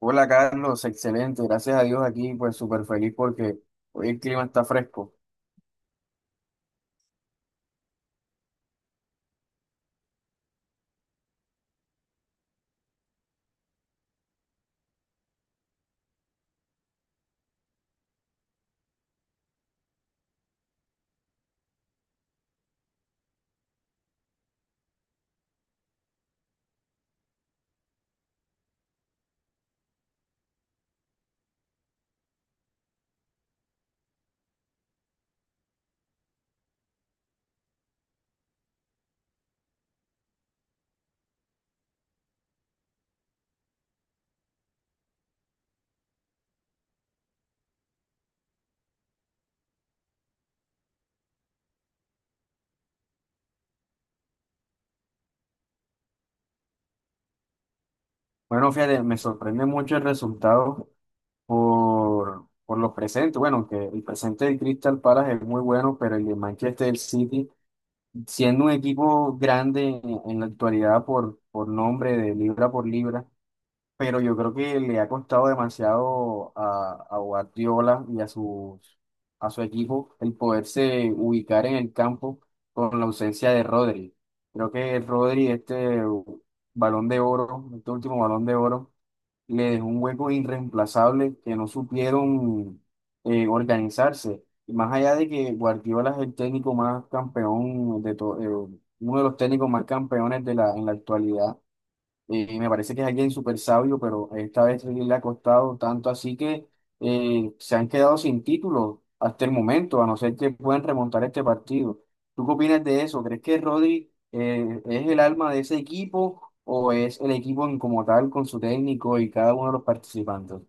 Hola Carlos, excelente, gracias a Dios aquí, pues súper feliz porque hoy el clima está fresco. Bueno, fíjate, me sorprende mucho el resultado por los presentes. Bueno, que el presente del Crystal Palace es muy bueno, pero el de Manchester City, siendo un equipo grande en la actualidad por nombre de libra por libra, pero yo creo que le ha costado demasiado a Guardiola y a su equipo el poderse ubicar en el campo con la ausencia de Rodri. Creo que Rodri, este balón de oro, este último balón de oro, le dejó un hueco irreemplazable que no supieron organizarse. Y más allá de que Guardiola es el técnico más campeón uno de los técnicos más campeones en la actualidad, me parece que es alguien súper sabio, pero esta vez sí le ha costado tanto así que se han quedado sin título hasta el momento, a no ser que puedan remontar este partido. ¿Tú qué opinas de eso? ¿Crees que Rodri es el alma de ese equipo o es el equipo en como tal con su técnico y cada uno de los participantes?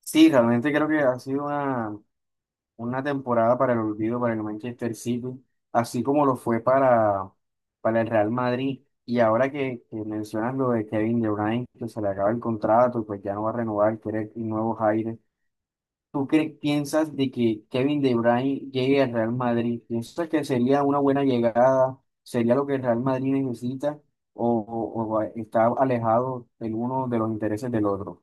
Sí, realmente creo que ha sido una temporada para el olvido para el Manchester City, así como lo fue para el Real Madrid. Y ahora que mencionas lo de Kevin De Bruyne, que se le acaba el contrato y pues ya no va a renovar, quiere nuevos aires. ¿Tú crees, piensas de que Kevin De Bruyne llegue al Real Madrid? ¿Piensas que sería una buena llegada? ¿Sería lo que el Real Madrid necesita? ¿O, o está alejado el uno de los intereses del otro?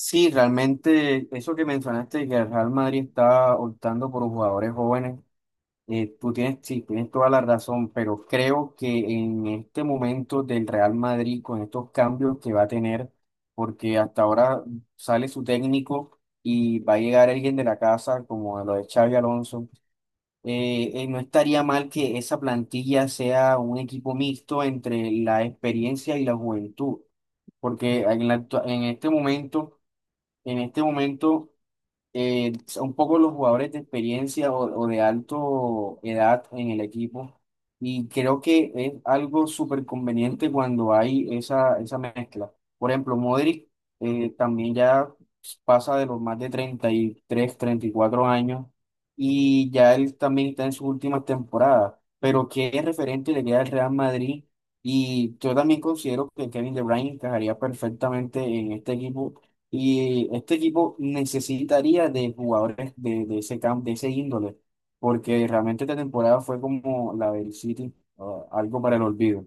Sí, realmente eso que mencionaste, que el Real Madrid está optando por jugadores jóvenes, tú tienes, sí, tienes toda la razón, pero creo que en este momento del Real Madrid, con estos cambios que va a tener, porque hasta ahora sale su técnico y va a llegar alguien de la casa, como lo de Xavi Alonso. No estaría mal que esa plantilla sea un equipo mixto entre la experiencia y la juventud, porque en en este momento... En este momento, son un poco los jugadores de experiencia o de alto edad en el equipo. Y creo que es algo súper conveniente cuando hay esa, esa mezcla. Por ejemplo, Modric también ya pasa de los más de 30, 33, 34 años y ya él también está en sus últimas temporadas. Pero que es referente le queda al Real Madrid. Y yo también considero que Kevin De Bruyne encajaría perfectamente en este equipo, y este equipo necesitaría de jugadores de ese camp de ese índole, porque realmente esta temporada fue como la del City, ah, algo para el olvido.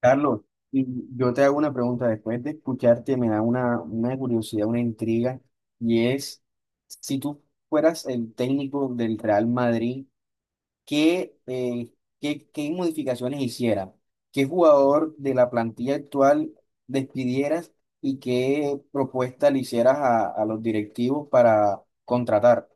Carlos, y yo te hago una pregunta después de escucharte, me da una curiosidad, una intriga, y es, si tú fueras el técnico del Real Madrid, qué, eh, qué modificaciones hicieras, qué jugador de la plantilla actual despidieras y qué propuesta le hicieras a los directivos para contratar.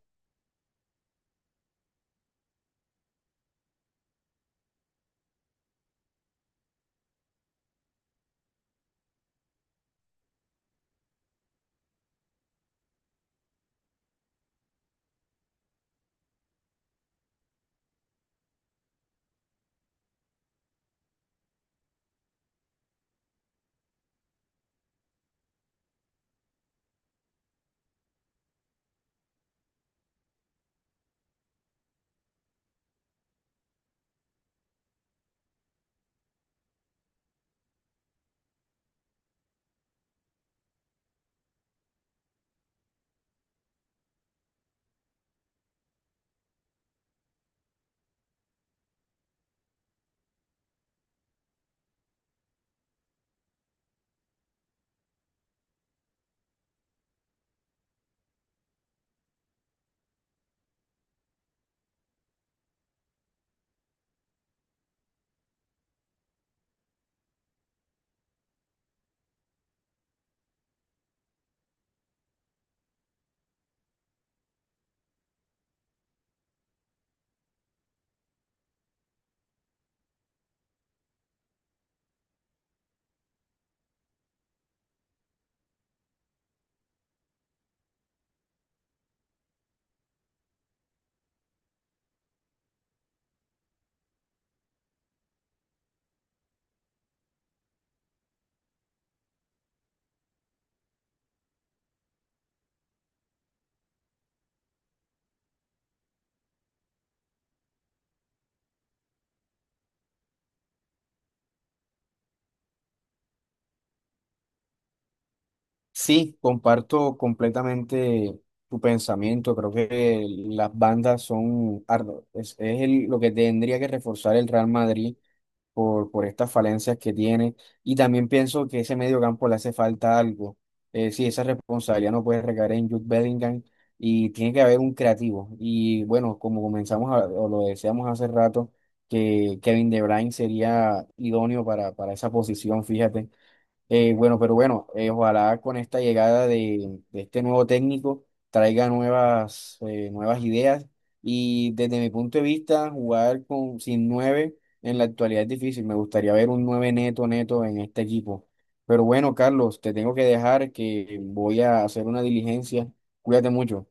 Sí, comparto completamente tu pensamiento. Creo que las bandas es lo que tendría que reforzar el Real Madrid por estas falencias que tiene. Y también pienso que ese medio campo le hace falta algo. Sí, esa responsabilidad no puede recaer en Jude Bellingham y tiene que haber un creativo. Y bueno, como o lo deseamos hace rato, que Kevin De Bruyne sería idóneo para esa posición, fíjate. Bueno, pero bueno, ojalá con esta llegada de este nuevo técnico traiga nuevas, nuevas ideas, y desde mi punto de vista jugar con, sin nueve en la actualidad es difícil. Me gustaría ver un nueve neto neto en este equipo. Pero bueno, Carlos, te tengo que dejar que voy a hacer una diligencia. Cuídate mucho.